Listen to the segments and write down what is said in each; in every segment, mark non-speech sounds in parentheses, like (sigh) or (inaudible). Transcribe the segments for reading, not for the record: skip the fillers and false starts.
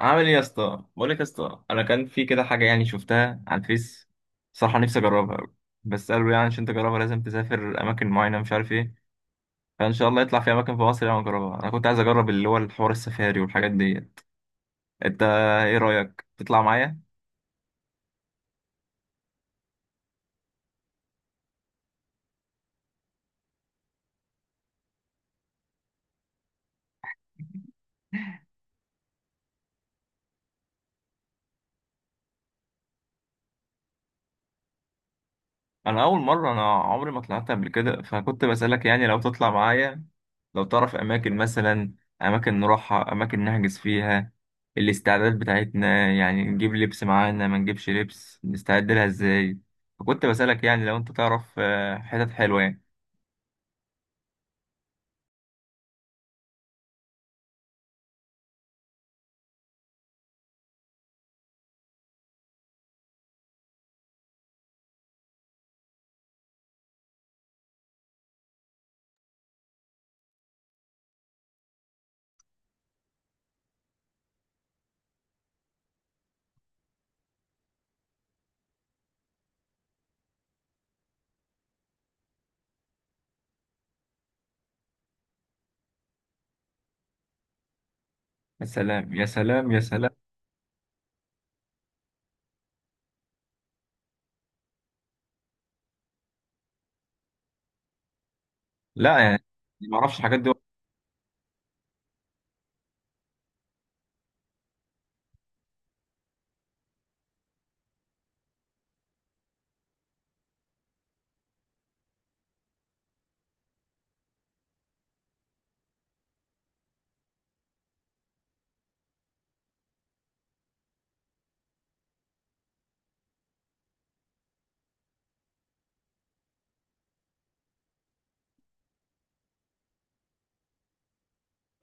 عامل ايه يا اسطى؟ بقول لك يا اسطى، انا كان في كده حاجه يعني شفتها على الفيس. صراحه نفسي اجربها أوي. بس قالوا يعني عشان تجربها لازم تسافر اماكن معينه، مش عارف ايه. فان شاء الله يطلع في اماكن في مصر يعني اجربها. انا كنت عايز اجرب اللي هو الحوار السفاري والحاجات ديت. انت، ايه رايك تطلع معايا؟ انا اول مره، انا عمري ما طلعت قبل كده، فكنت بسالك يعني لو تطلع معايا، لو تعرف اماكن مثلا، اماكن نروحها، اماكن نحجز فيها. الاستعداد بتاعتنا يعني نجيب لبس معانا ما نجيبش لبس، نستعد لها ازاي؟ فكنت بسالك يعني لو انت تعرف حتت حلوه يعني. يا سلام يا سلام يا سلام! لا يعني، ما اعرفش الحاجات دي.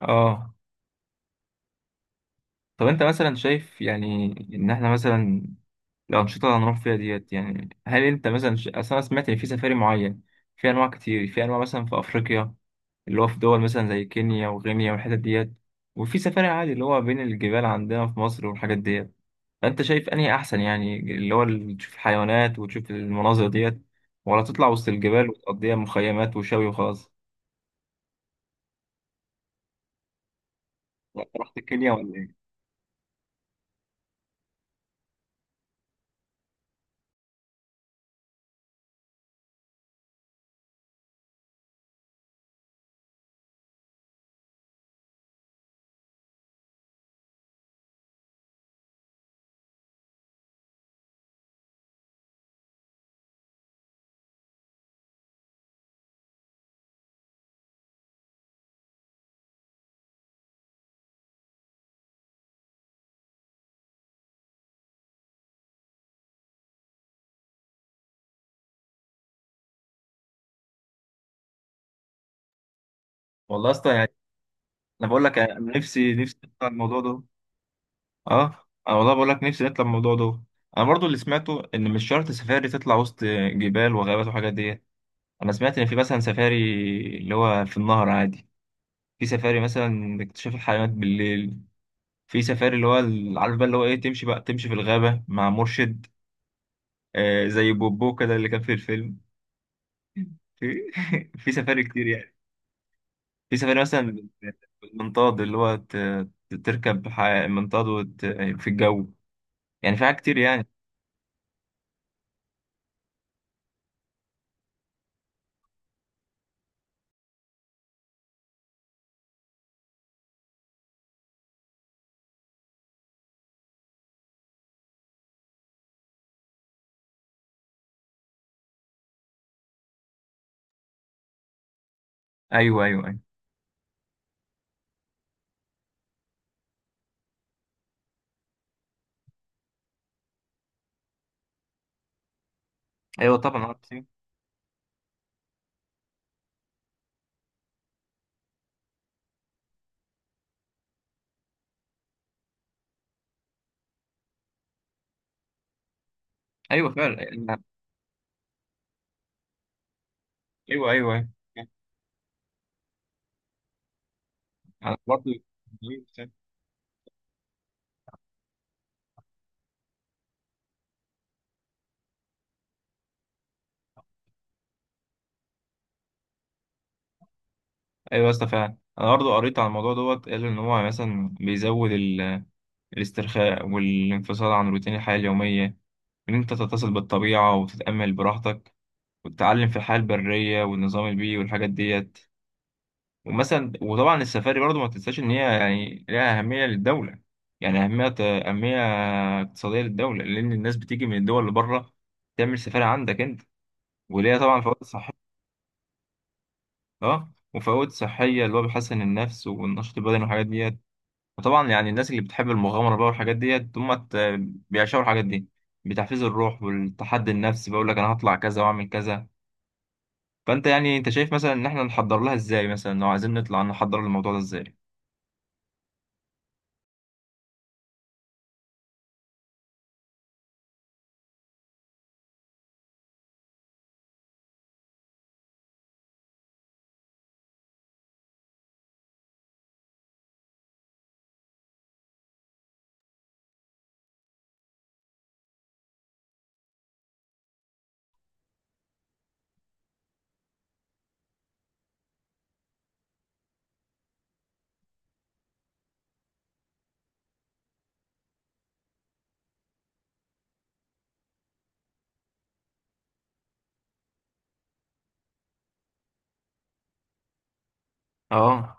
اه. طب انت مثلا شايف يعني، ان احنا مثلا، الأنشطة اللي هنروح فيها ديت، يعني هل أنت مثلا أصل أنا سمعت إن في سفاري معين. في أنواع كتير، في أنواع مثلا في أفريقيا، اللي هو في دول مثلا زي كينيا وغينيا والحتت ديت، وفي سفاري عادي اللي هو بين الجبال عندنا في مصر والحاجات ديت. فأنت شايف أنهي أحسن؟ يعني اللي هو تشوف الحيوانات وتشوف المناظر ديت، ولا تطلع وسط الجبال وتقضيها مخيمات وشوي وخلاص؟ لا، أنت رحت كينيا ولا إيه؟ والله أصلا يعني، أنا بقول لك، أنا نفسي نفسي أطلع الموضوع ده. اه، انا والله بقول لك نفسي نطلع الموضوع ده. انا برضو اللي سمعته ان مش شرط سفاري تطلع وسط جبال وغابات وحاجات دي. انا سمعت ان في مثلا سفاري اللي هو في النهر عادي، في سفاري مثلا اكتشاف الحيوانات بالليل، في سفاري اللي هو عارف بقى اللي هو ايه، تمشي بقى تمشي في الغابة مع مرشد. آه، زي بوبو كده اللي كان في الفيلم. في (laughs) في سفاري كتير يعني. في سفاري مثلا بالمنطاد اللي هو تركب منطاد في الجو. يعني في حاجات كتير يعني. ايوه، ايوه، ايوه. ايوه طبعا عارف. ايوه فعلا. ايوه، ايوه، ايوه. انا برضه (laughs) ايوه يا اسطى فعلا، انا برضه قريت عن الموضوع دوت، قال ان هو مثلا بيزود الاسترخاء والانفصال عن روتين الحياه اليوميه، ان انت تتصل بالطبيعه وتتامل براحتك، وتتعلم في الحياه البريه والنظام البيئي والحاجات ديت. ومثلا وطبعا السفاري برضه ما تنساش ان هي يعني لها اهميه للدوله. يعني اهميه اهميه اقتصاديه للدوله، لان الناس بتيجي من الدول اللي بره تعمل سفاري عندك انت. وليها طبعا فوائد صحيه. اه، وفوائد صحية اللي هو بيحسن النفس والنشاط البدني والحاجات ديت. وطبعا يعني الناس اللي بتحب المغامرة بقى والحاجات ديت هم بيعشقوا الحاجات دي، بتحفيز الروح والتحدي النفسي. بقول لك انا هطلع كذا واعمل كذا. فانت يعني انت شايف مثلا ان احنا نحضر لها ازاي؟ مثلا لو عايزين نطلع نحضر الموضوع ده ازاي؟ اه.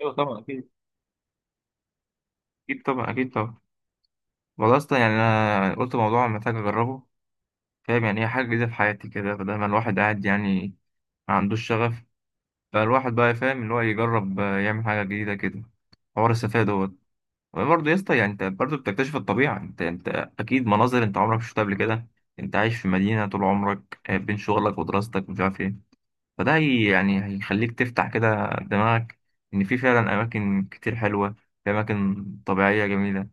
ايوه طبعا اكيد، اكيد طبعا، اكيد طبعا. والله اصلا يعني، انا قلت موضوع محتاج اجربه. فاهم، يعني هي حاجة جديدة في حياتي كده، فده ما الواحد قاعد يعني، ما عندوش شغف. فالواحد بقى فاهم اللي هو يجرب، يعمل حاجة جديدة كده. حوار السفاهة دوت. برضه يا اسطى يعني، انت برضه بتكتشف الطبيعة، انت. اكيد مناظر انت عمرك ما شفتها قبل كده. انت عايش في مدينة طول عمرك، بين شغلك ودراستك ومش عارف ايه. فده هي يعني هيخليك تفتح كده دماغك، ان في فعلا اماكن كتير حلوة، في اماكن طبيعية جميلة،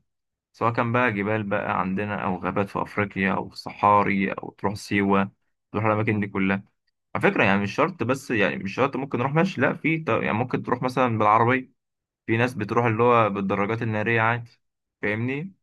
سواء كان بقى جبال بقى عندنا، او غابات في افريقيا، او صحاري، او تروح سيوة، تروح الاماكن دي كلها. على فكرة يعني مش شرط، بس يعني مش شرط ممكن نروح ماشي، لا في يعني ممكن تروح مثلا بالعربية. في ناس بتروح اللي هو بالدراجات النارية عادي. فاهمني؟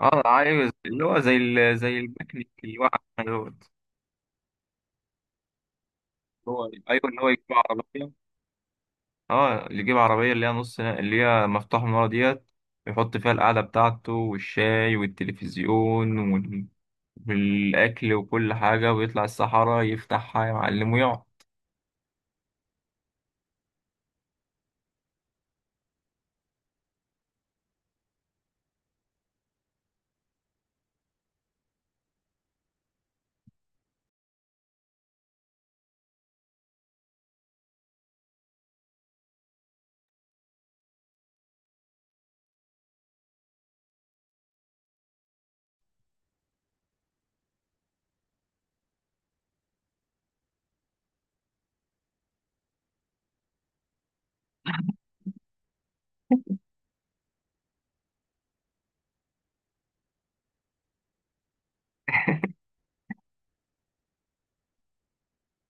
اه، عايز اللي هو زي زي الميكانيك اللي واقع دوت. اللي هو، ايوه اللي هو يجيب عربية. اه، اللي يجيب عربية اللي هي نص، اللي هي مفتوح من ورا ديت، يحط فيها القعدة بتاعته والشاي والتلفزيون والأكل وكل حاجة، ويطلع الصحراء يفتحها يا معلم ويقعد.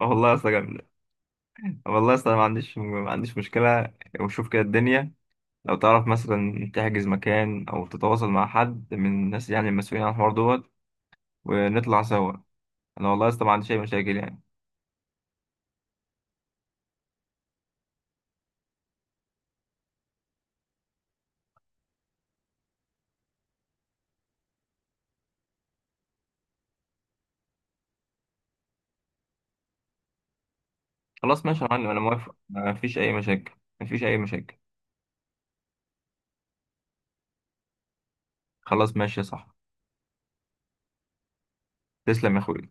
اه، والله يا اسطى جامدة. والله يا اسطى، ما عنديش مشكلة. وشوف كده الدنيا، لو تعرف مثلا تحجز مكان او تتواصل مع حد من الناس، يعني المسؤولين عن الحوار دوت، ونطلع سوا. انا والله لسه ما عنديش اي مشاكل يعني. خلاص ماشي يا معلم، انا موافق، ما فيش اي مشاكل. ما فيش اي مشاكل. خلاص ماشي يا صاحبي. تسلم يا اخوي.